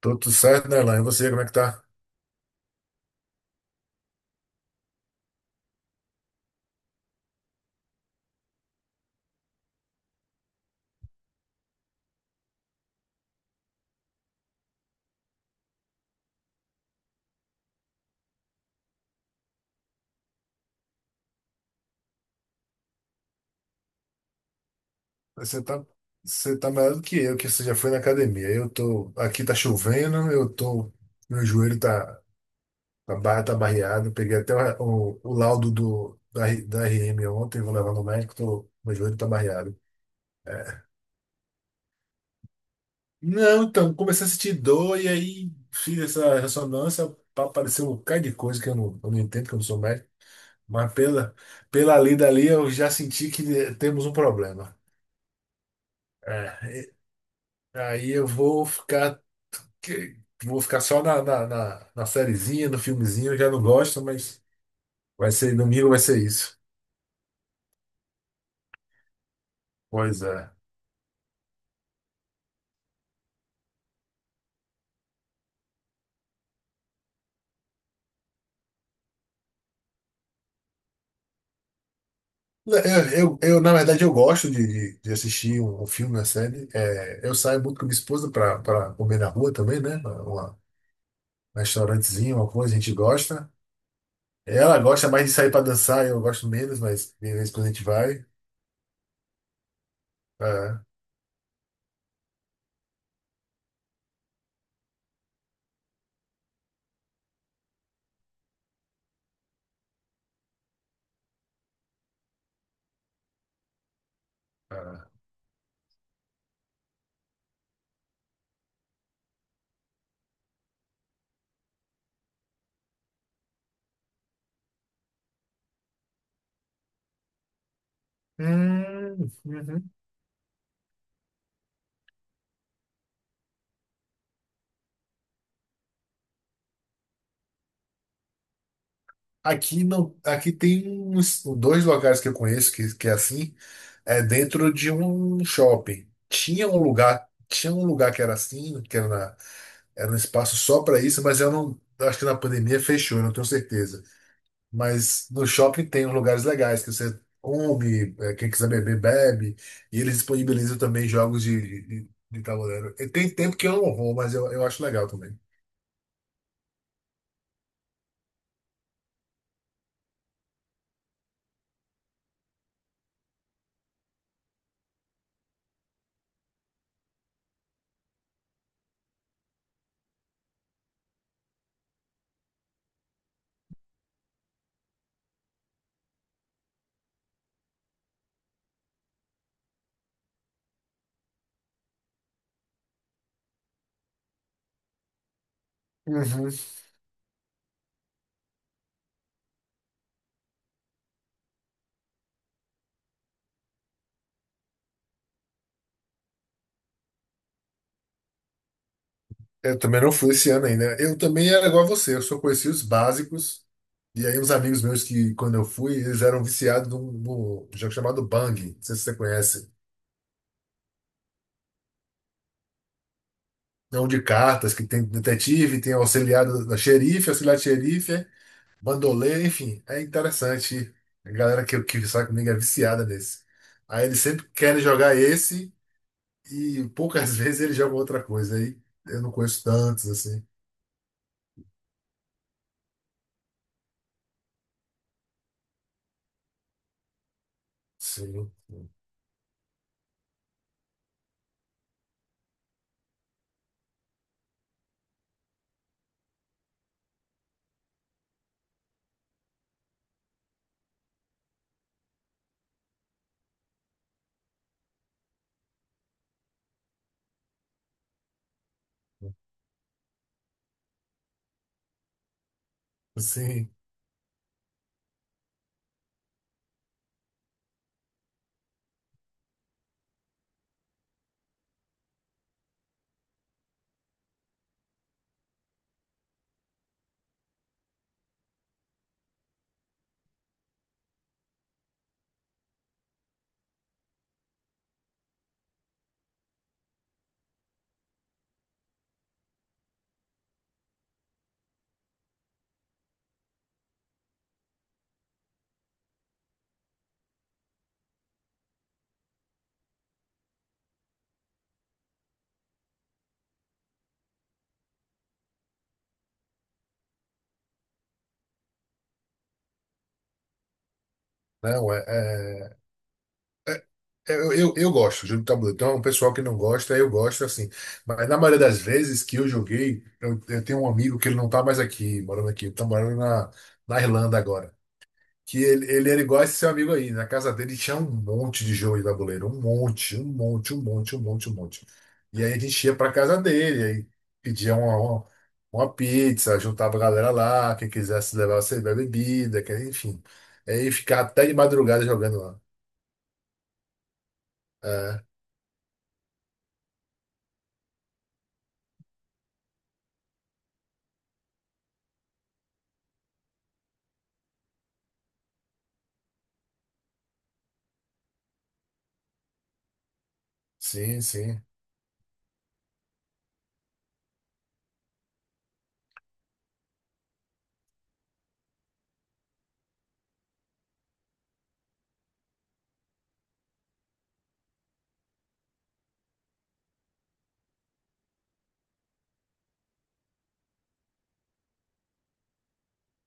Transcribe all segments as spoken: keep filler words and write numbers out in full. Tô tudo certo, né Nerlan? E você, como é que tá? Você tá, você tá melhor do que eu, que você já foi na academia. Eu tô, aqui tá chovendo, eu tô, meu joelho tá, a barra tá barreada. Eu peguei até o, o laudo do, da, R- da R M ontem, vou levar no médico, tô, meu joelho tá barreado. Não, então, comecei a sentir dor e aí fiz essa ressonância pra aparecer um bocado de coisa que eu não, eu não entendo, que eu não sou médico. Mas pela, pela lida ali, eu já senti que temos um problema. É. Aí eu vou ficar. que- Vou ficar só na, na, na, na sériezinha, no filmezinho, eu já não gosto, mas vai ser domingo, vai ser isso. Pois é. Eu, eu, eu, na verdade, eu gosto de, de de assistir um, um filme, uma série. É, eu saio muito com minha esposa para comer na rua também, né? Um restaurantezinho, uma coisa, a gente gosta. Ela gosta mais de sair para dançar, eu gosto menos, mas de vez em quando a gente vai. É, é. Hum, uhum. Aqui não, aqui tem uns dois locais que eu conheço que, que é assim, é dentro de um shopping. Tinha um lugar, tinha um lugar que era assim, que era, na- era um espaço só para isso, mas eu não, eu acho que na pandemia fechou, eu não tenho certeza. Mas no shopping tem uns lugares legais que você come, é, quem quiser beber, bebe, e eles disponibilizam também jogos de, de, de tabuleiro. E tem tempo que eu não vou, mas eu, eu acho legal também. Uhum. Eu também não fui esse ano ainda. Eu também era igual a você, eu só conheci os básicos. E aí, uns amigos meus que, quando eu fui, eles eram viciados num, num jogo chamado Bang. Não sei se você conhece. É um de cartas que tem detetive, tem auxiliar da da xerife, auxiliar de xerife, bandoleiro, enfim. É interessante. A galera que, que sai comigo é viciada nesse. Aí eles sempre querem jogar esse e poucas vezes eles jogam outra coisa. Aí eu não conheço tantos, assim. Sim. Sim. Não, é, é. É, é, Eu, eu, eu gosto de jogo de tabuleiro. Então, o pessoal que não gosta, eu gosto assim. Mas na maioria das vezes que eu joguei, eu, eu tenho um amigo que ele não tá mais aqui, morando aqui, ele tá morando na, na Irlanda agora. Que ele, ele era igual esse seu amigo aí. Na casa dele tinha um monte de jogo de tabuleiro, um monte, um monte, um monte, um monte, um monte. E aí a gente ia pra casa dele, aí pedia uma, uma, uma pizza, juntava a galera lá, quem quisesse levar você bebida, que, enfim. Aí ficar até de madrugada jogando lá. É, sim, sim.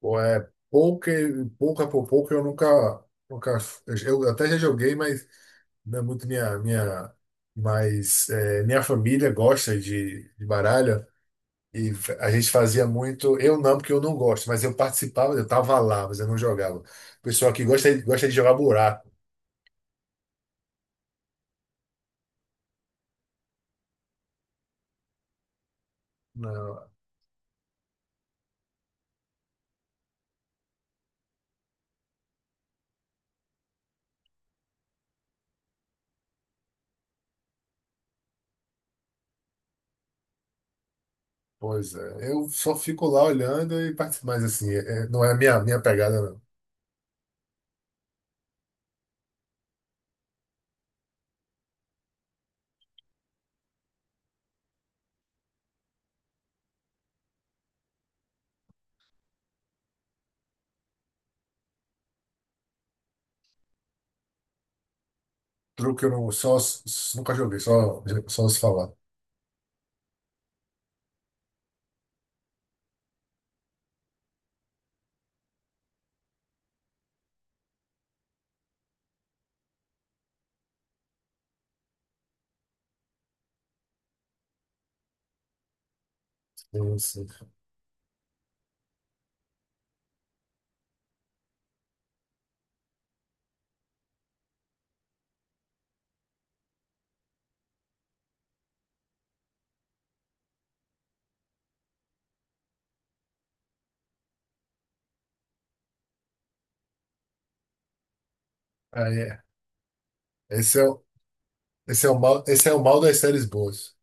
Pô, é pouca, pouca por pouco eu nunca, nunca, eu até já joguei, mas não é muito minha, minha, mas é, minha família gosta de, de baralho e a gente fazia muito, eu não, porque eu não gosto, mas eu participava, eu tava lá, mas eu não jogava. O pessoal que gosta, gosta de jogar buraco. Não, pois é, eu só fico lá olhando e participo, mas assim, é- é, não é a minha, minha pegada, não. Truque eu não, só, nunca joguei, só, só se falar. Eu não sei. Aí, Esse é, o- esse é o mal, esse é o mal das séries boas.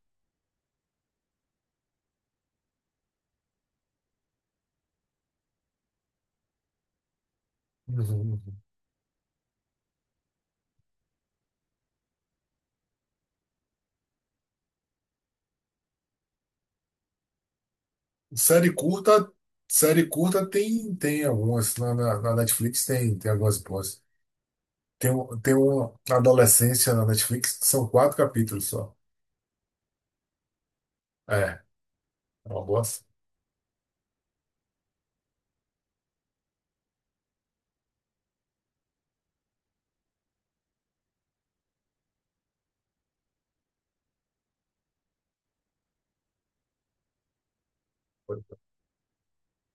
Uhum. Série curta, série curta tem, tem algumas. Na, na, na Netflix tem, tem algumas boas. Tem, um- tem uma Adolescência na Netflix, que são quatro capítulos só. É, é uma boa. s-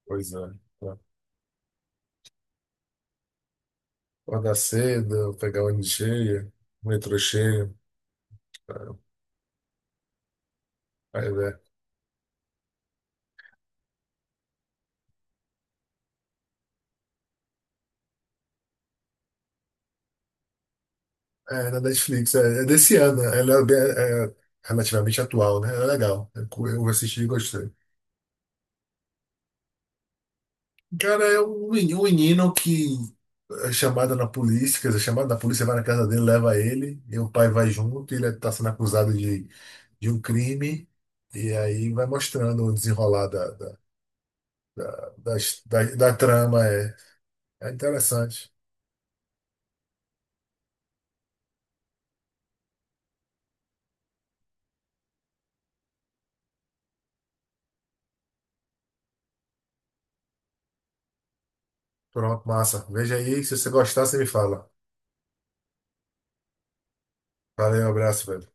Pois é. Tá. Acordar cedo, pegar o ônibus cheio, o metrô cheio. Aí, né? É, na Netflix, é, é desse ano. Ela é, bem- é é relativamente atual, né? É legal. Eu eu assisti e gostei. Cara, é um meni- um menino que é chamado na polícia, quer dizer, chamado na polícia, vai na casa dele, leva ele, e o pai vai junto, e ele está sendo acusado de, de um crime, e aí vai mostrando o desenrolar da, da, da, das- da, da trama. É, é interessante. Pronto, massa. Veja aí, se você gostar, você me fala. Valeu, abraço, velho.